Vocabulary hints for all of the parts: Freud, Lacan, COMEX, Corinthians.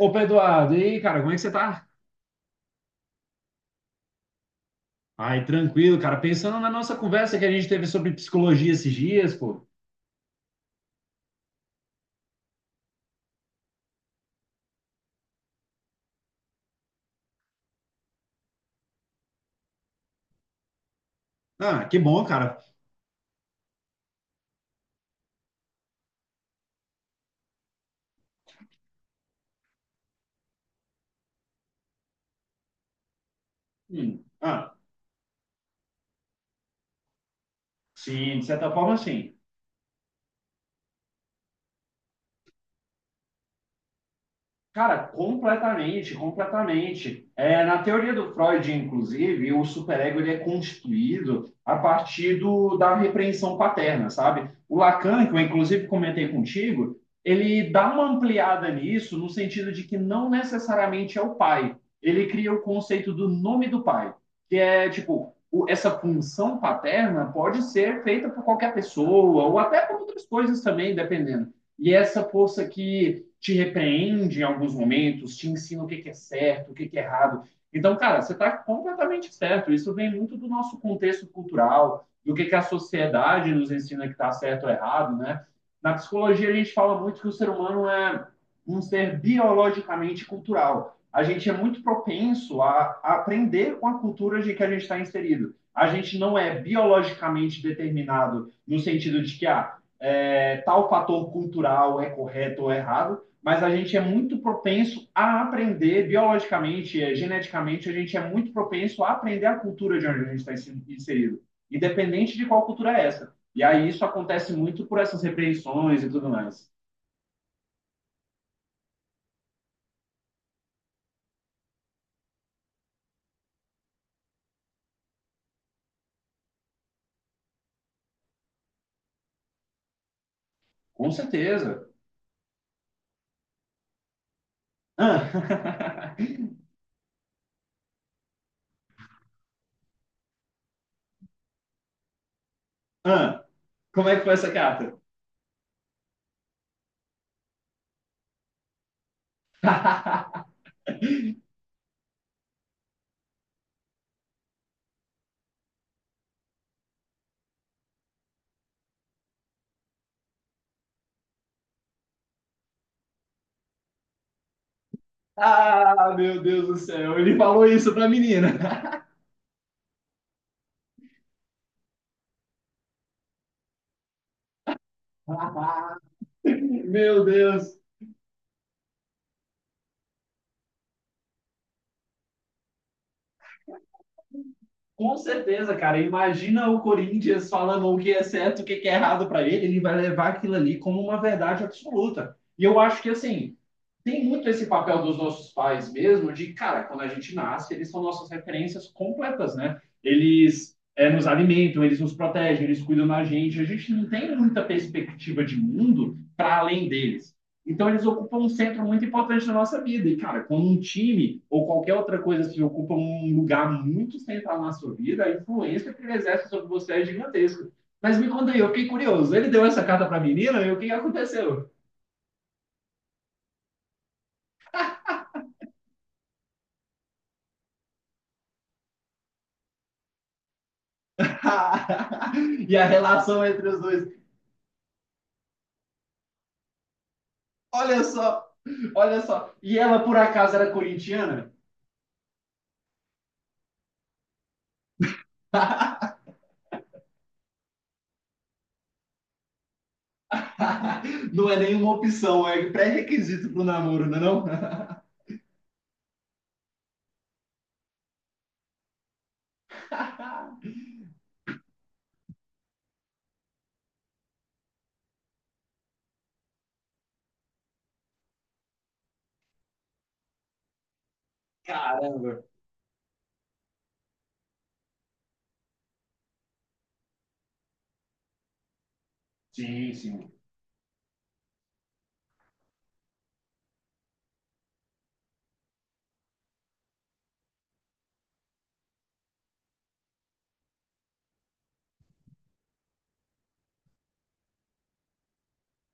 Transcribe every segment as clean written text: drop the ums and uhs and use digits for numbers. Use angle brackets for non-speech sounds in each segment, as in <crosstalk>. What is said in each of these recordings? Ô, Pedro Eduardo, e aí, cara, como é que você tá? Ai, tranquilo, cara. Pensando na nossa conversa que a gente teve sobre psicologia esses dias, pô. Ah, que bom, cara. Ah, sim, de certa forma, sim. Cara, completamente, completamente. É, na teoria do Freud, inclusive, o superego ele é constituído a partir da repreensão paterna, sabe? O Lacan, que eu inclusive comentei contigo, ele dá uma ampliada nisso no sentido de que não necessariamente é o pai. Ele cria o conceito do nome do pai, que é tipo, essa função paterna pode ser feita por qualquer pessoa ou até por outras coisas também, dependendo. E essa força que te repreende em alguns momentos, te ensina o que é certo, o que é errado. Então, cara, você está completamente certo. Isso vem muito do nosso contexto cultural, do que a sociedade nos ensina que está certo ou errado, né? Na psicologia, a gente fala muito que o ser humano é um ser biologicamente cultural. A gente é muito propenso aprender com a cultura de que a gente está inserido. A gente não é biologicamente determinado no sentido de que ah, é, tal fator cultural é correto ou errado, mas a gente é muito propenso a aprender biologicamente, geneticamente, a gente é muito propenso a aprender a cultura de onde a gente está inserido, independente de qual cultura é essa. E aí isso acontece muito por essas repreensões e tudo mais. Com certeza. Ah, <laughs> ah, como é que foi essa carta? <laughs> ah, meu Deus do céu, ele falou isso pra menina. <laughs> meu Deus. Com certeza, cara. Imagina o Corinthians falando o que é certo, o que é errado para ele, ele vai levar aquilo ali como uma verdade absoluta. E eu acho que assim, tem muito esse papel dos nossos pais mesmo, de cara, quando a gente nasce, eles são nossas referências completas, né? Eles é, nos alimentam, eles nos protegem, eles cuidam da gente. A gente não tem muita perspectiva de mundo para além deles. Então eles ocupam um centro muito importante na nossa vida. E, cara, quando um time ou qualquer outra coisa se ocupa um lugar muito central na sua vida, a influência que ele exerce sobre você é gigantesca. Mas me conta aí, eu fiquei curioso. Ele deu essa carta para a menina e o que aconteceu? <laughs> e a relação entre os dois. Olha só, olha só. E ela, por acaso, era corintiana? <laughs> não é nenhuma opção, é pré-requisito para o namoro, não é não? <laughs> Caramba. Sim, sim.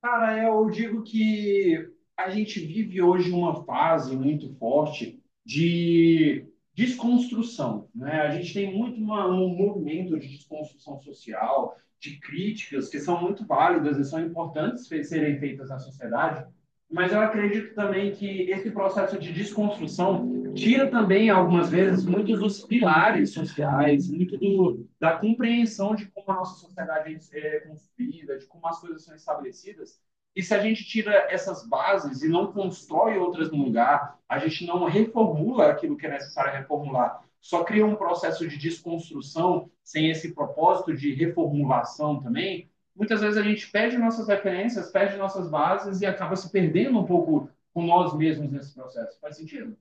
Cara, eu digo que a gente vive hoje uma fase muito forte de desconstrução, né? A gente tem muito um movimento de desconstrução social, de críticas que são muito válidas e são importantes serem feitas na sociedade, mas eu acredito também que esse processo de desconstrução tira também, algumas vezes, muitos dos pilares sociais, muito do, da compreensão de como a nossa sociedade é construída, de como as coisas são estabelecidas. E se a gente tira essas bases e não constrói outras no lugar, a gente não reformula aquilo que é necessário reformular, só cria um processo de desconstrução sem esse propósito de reformulação também, muitas vezes a gente perde nossas referências, perde nossas bases e acaba se perdendo um pouco com nós mesmos nesse processo. Faz sentido?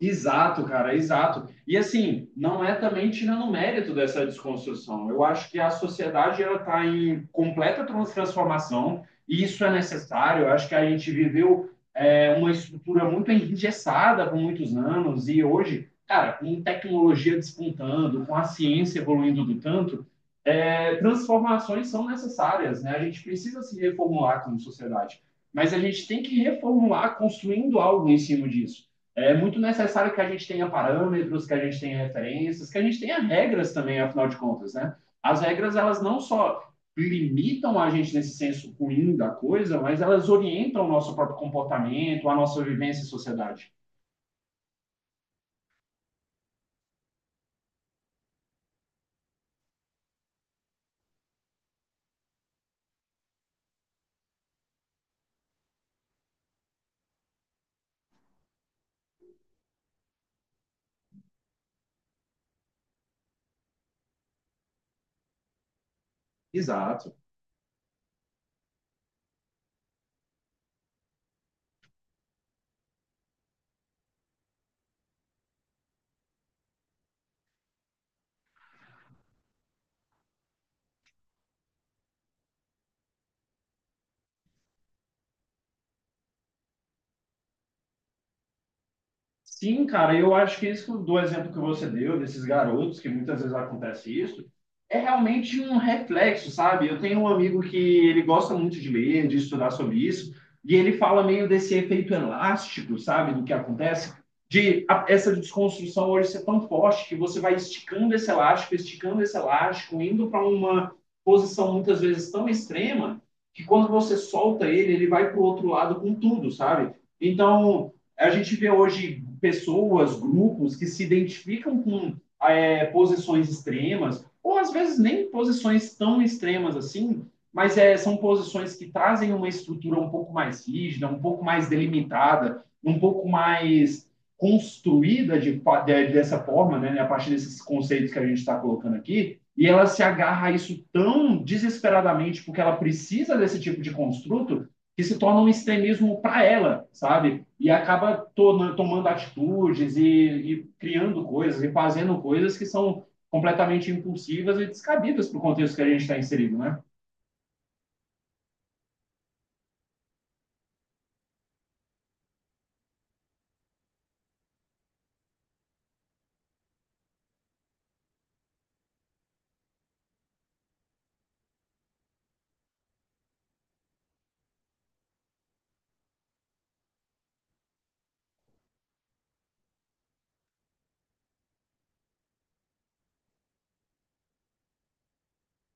Exato, cara, exato. E assim, não é também tirando o mérito dessa desconstrução. Eu acho que a sociedade ela está em completa transformação e isso é necessário. Eu acho que a gente viveu é, uma estrutura muito engessada por muitos anos e hoje, cara, com tecnologia despontando, com a ciência evoluindo do tanto, é, transformações são necessárias, né? A gente precisa se reformular como sociedade, mas a gente tem que reformular construindo algo em cima disso. É muito necessário que a gente tenha parâmetros, que a gente tenha referências, que a gente tenha regras também, afinal de contas, né? As regras, elas não só limitam a gente nesse senso ruim da coisa, mas elas orientam o nosso próprio comportamento, a nossa vivência em sociedade. Exato. Sim, cara, eu acho que isso do exemplo que você deu, desses garotos, que muitas vezes acontece isso, é realmente um reflexo, sabe? Eu tenho um amigo que ele gosta muito de ler, de estudar sobre isso, e ele fala meio desse efeito elástico, sabe? Do que acontece, de essa desconstrução hoje ser tão forte que você vai esticando esse elástico, indo para uma posição muitas vezes tão extrema, que quando você solta ele, ele vai para o outro lado com tudo, sabe? Então. É, a gente vê hoje pessoas, grupos que se identificam com é, posições extremas, ou às vezes nem posições tão extremas assim, mas é, são posições que trazem uma estrutura um pouco mais rígida, um pouco mais delimitada, um pouco mais construída dessa forma, né, a partir desses conceitos que a gente está colocando aqui, e ela se agarra a isso tão desesperadamente porque ela precisa desse tipo de construto que se torna um extremismo para ela, sabe? E acaba to tomando atitudes e criando coisas e fazendo coisas que são completamente impulsivas e descabidas para o contexto que a gente está inserido, né?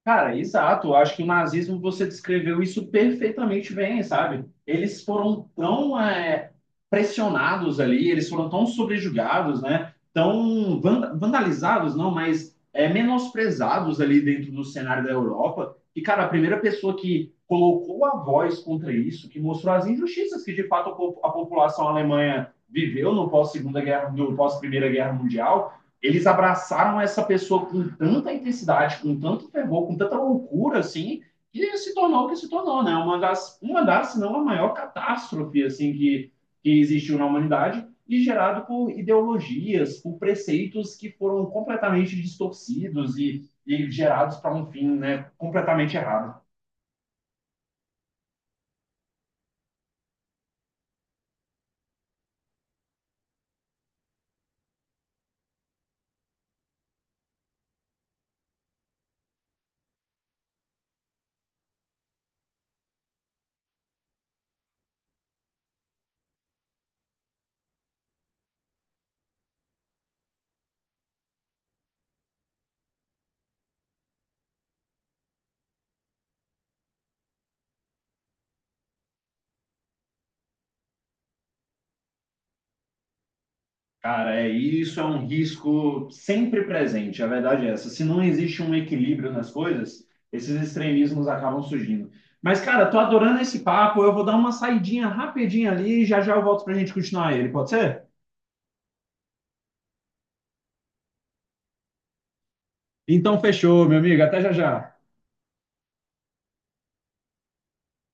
Cara, exato. Eu acho que o nazismo você descreveu isso perfeitamente bem, sabe? Eles foram tão é, pressionados ali, eles foram tão subjugados, né? Tão vandalizados, não, mas é, menosprezados ali dentro do cenário da Europa. E, cara, a primeira pessoa que colocou a voz contra isso, que mostrou as injustiças que de fato a a população alemã viveu no pós-segunda guerra, no pós-primeira guerra mundial eles abraçaram essa pessoa com tanta intensidade, com tanto fervor, com tanta loucura, assim, que se tornou o que se tornou, né? Uma das se não a maior catástrofe, assim, que existiu na humanidade e gerado por ideologias, por preceitos que foram completamente distorcidos e gerados para um fim, né, completamente errado. Cara, é, isso é um risco sempre presente, a verdade é essa. Se não existe um equilíbrio nas coisas, esses extremismos acabam surgindo. Mas, cara, tô adorando esse papo, eu vou dar uma saidinha rapidinha ali e já já eu volto pra gente continuar ele, pode ser? Então, fechou, meu amigo. Até já já.